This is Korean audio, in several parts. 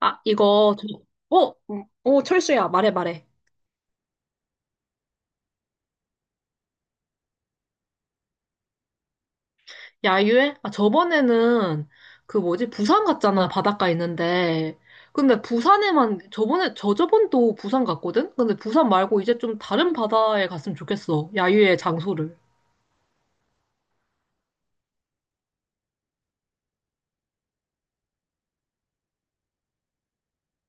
아, 이거, 저, 어? 어, 철수야, 말해, 말해. 야유회? 아, 저번에는 그 뭐지, 부산 갔잖아, 바닷가 있는데. 근데 부산에만, 저번에, 저저번도 부산 갔거든? 근데 부산 말고 이제 좀 다른 바다에 갔으면 좋겠어, 야유회 장소를.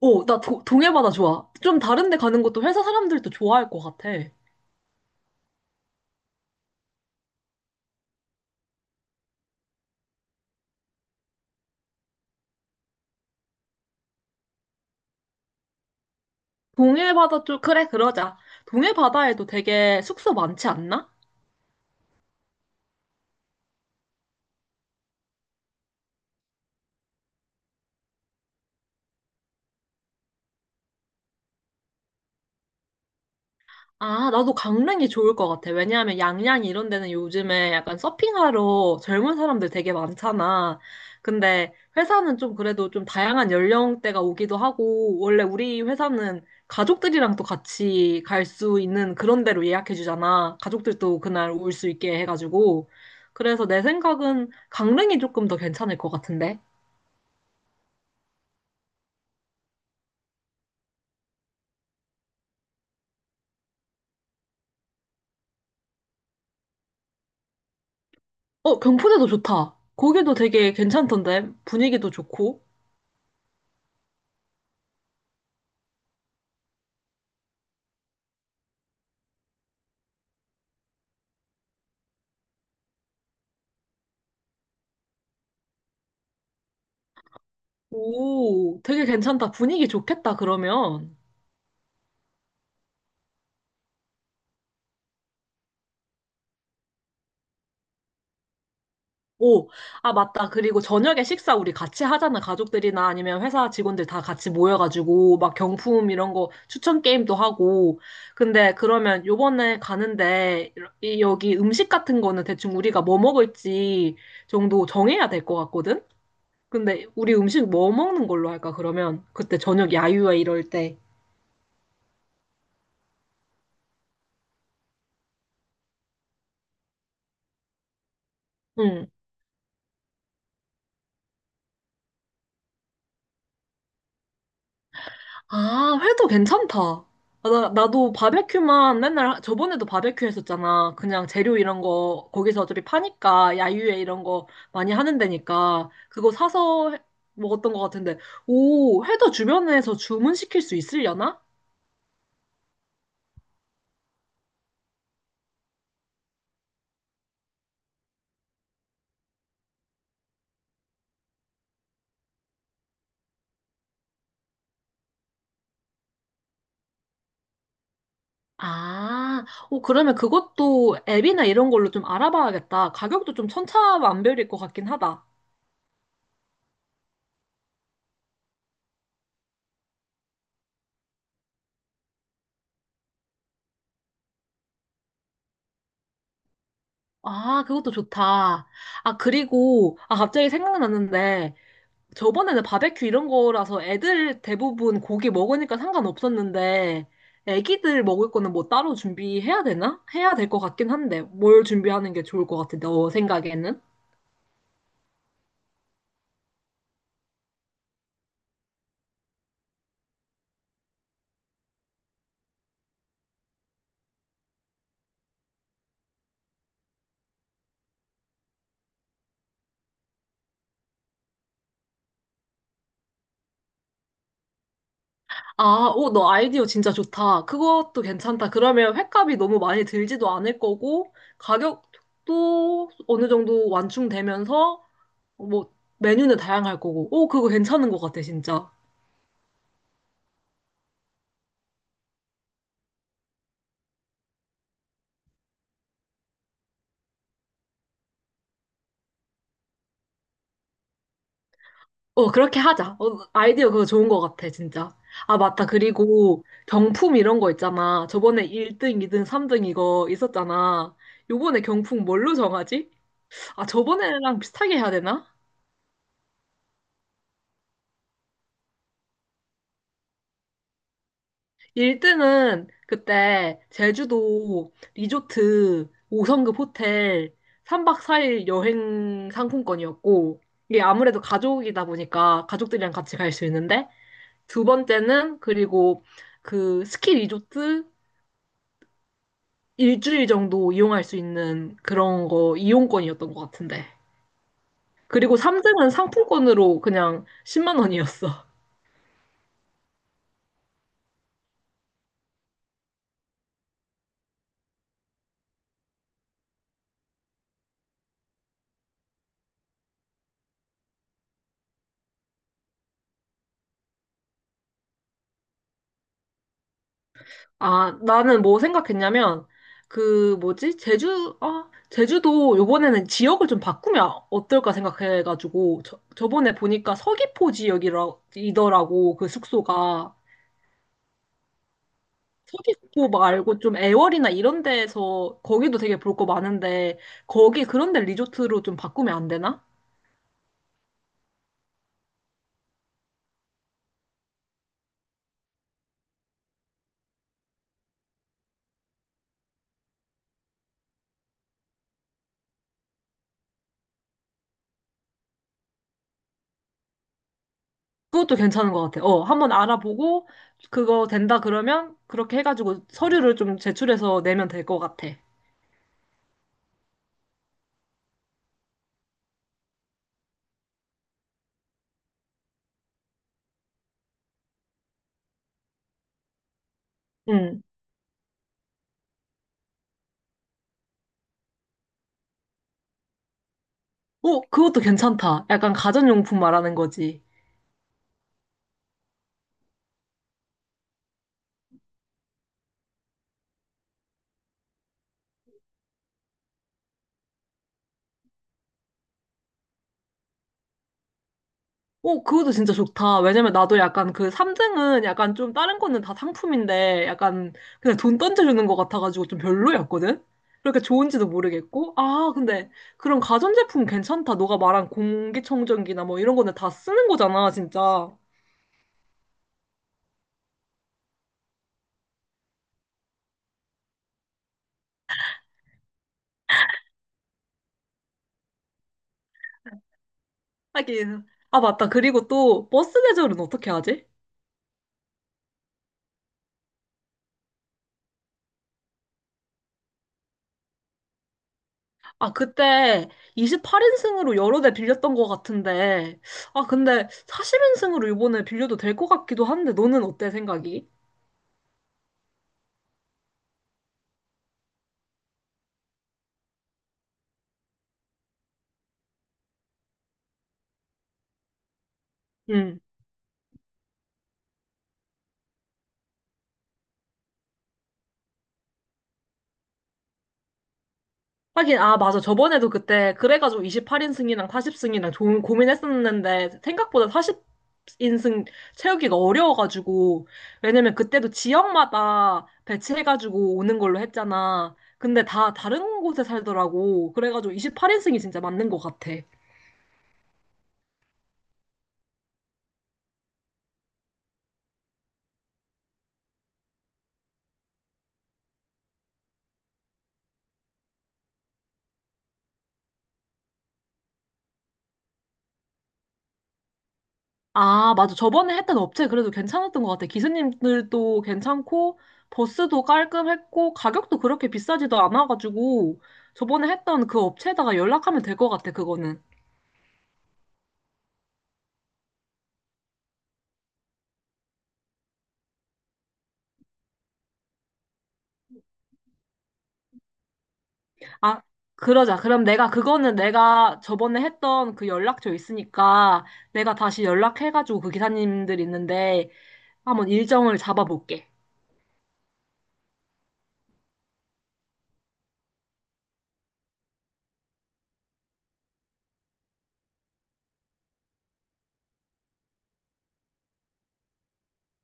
어, 동해바다 좋아. 좀 다른 데 가는 것도 회사 사람들도 좋아할 것 같아. 동해바다 쪽, 그래, 그러자. 동해바다에도 되게 숙소 많지 않나? 아, 나도 강릉이 좋을 것 같아. 왜냐하면 양양 이런 데는 요즘에 약간 서핑하러 젊은 사람들 되게 많잖아. 근데 회사는 좀 그래도 좀 다양한 연령대가 오기도 하고, 원래 우리 회사는 가족들이랑 또 같이 갈 수 있는 그런 데로 예약해 주잖아. 가족들도 그날 올 수 있게 해가지고. 그래서 내 생각은 강릉이 조금 더 괜찮을 것 같은데. 어, 경포대도 좋다. 거기도 되게 괜찮던데. 분위기도 좋고. 오, 되게 괜찮다. 분위기 좋겠다, 그러면. 오, 아, 맞다. 그리고 저녁에 식사 우리 같이 하잖아. 가족들이나 아니면 회사 직원들 다 같이 모여가지고, 막 경품 이런 거 추천 게임도 하고. 근데 그러면 요번에 가는데, 여기 음식 같은 거는 대충 우리가 뭐 먹을지 정도 정해야 될 것 같거든? 근데 우리 음식 뭐 먹는 걸로 할까, 그러면? 그때 저녁 야유회 이럴 때. 응. 아, 회도 괜찮다. 아, 나도 바베큐만 맨날 저번에도 바베큐 했었잖아. 그냥 재료 이런 거 거기서 어차피 파니까 야유회 이런 거 많이 하는 데니까 그거 사서 먹었던 것 같은데. 오, 회도 주변에서 주문시킬 수 있으려나? 아, 오, 그러면 그것도 앱이나 이런 걸로 좀 알아봐야겠다. 가격도 좀 천차만별일 것 같긴 하다. 아, 그것도 좋다. 아, 그리고, 아, 갑자기 생각났는데, 저번에는 바베큐 이런 거라서 애들 대부분 고기 먹으니까 상관없었는데, 애기들 먹을 거는 뭐 따로 준비해야 되나? 해야 될 것 같긴 한데, 뭘 준비하는 게 좋을 것 같아, 너 생각에는? 아, 오, 너 아이디어 진짜 좋다. 그것도 괜찮다. 그러면 횟값이 너무 많이 들지도 않을 거고, 가격도 어느 정도 완충되면서, 뭐, 메뉴는 다양할 거고, 오, 그거 괜찮은 것 같아, 진짜. 어, 그렇게 하자. 어, 아이디어 그거 좋은 것 같아, 진짜. 아, 맞다. 그리고 경품 이런 거 있잖아. 저번에 1등, 2등, 3등 이거 있었잖아. 요번에 경품 뭘로 정하지? 아, 저번에랑 비슷하게 해야 되나? 1등은 그때 제주도 리조트 5성급 호텔 3박 4일 여행 상품권이었고, 이게 아무래도 가족이다 보니까 가족들이랑 같이 갈 수 있는데, 두 번째는 그리고 그 스키 리조트 일주일 정도 이용할 수 있는 그런 거 이용권이었던 것 같은데. 그리고 3등은 상품권으로 그냥 10만 원이었어. 아, 나는 뭐 생각했냐면, 그 뭐지? 제주도 요번에는 지역을 좀 바꾸면 어떨까 생각해가지고, 저번에 보니까 서귀포 지역이더라고, 그 숙소가. 서귀포 말고 좀 애월이나 이런 데에서 거기도 되게 볼 거 많은데, 거기 그런 데 리조트로 좀 바꾸면 안 되나? 그것도 괜찮은 것 같아. 어, 한번 알아보고 그거 된다 그러면 그렇게 해가지고 서류를 좀 제출해서 내면 될 것 같아. 응. 어, 그것도 괜찮다. 약간 가전용품 말하는 거지. 어, 그것도 진짜 좋다. 왜냐면 나도 약간 그 3등은 약간 좀 다른 거는 다 상품인데 약간 그냥 돈 던져주는 것 같아가지고 좀 별로였거든? 그렇게 좋은지도 모르겠고. 아, 근데 그런 가전제품 괜찮다. 너가 말한 공기청정기나 뭐 이런 거는 다 쓰는 거잖아, 진짜. 하긴. 아, 맞다. 그리고 또 버스 대절은 어떻게 하지? 아, 그때 28인승으로 여러 대 빌렸던 것 같은데. 아, 근데 40인승으로 이번에 빌려도 될 것 같기도 한데, 너는 어때 생각이? 응. 하긴, 아, 맞아. 저번에도 그때, 그래가지고 28인승이랑 40승이랑 좀 고민했었는데, 생각보다 40인승 채우기가 어려워가지고, 왜냐면 그때도 지역마다 배치해가지고 오는 걸로 했잖아. 근데 다 다른 곳에 살더라고. 그래가지고 28인승이 진짜 맞는 것 같아. 아, 맞아. 저번에 했던 업체 그래도 괜찮았던 것 같아. 기사님들도 괜찮고, 버스도 깔끔했고, 가격도 그렇게 비싸지도 않아가지고, 저번에 했던 그 업체에다가 연락하면 될 것 같아, 그거는. 아, 그러자. 그럼 내가 그거는 내가 저번에 했던 그 연락처 있으니까 내가 다시 연락해가지고 그 기사님들 있는데 한번 일정을 잡아볼게.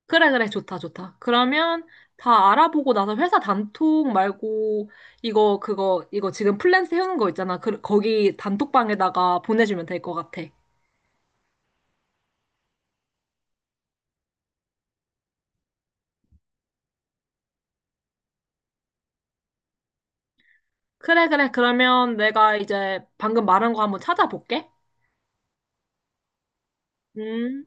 그래, 그래. 좋다, 좋다. 그러면 다 알아보고 나서 회사 단톡 말고 이거, 그거, 이거 지금 플랜 세우는 거 있잖아. 그, 거기 단톡방에다가 보내주면 될 것 같아. 그래, 그래. 그러면 내가 이제 방금 말한 거 한번 찾아볼게. 음.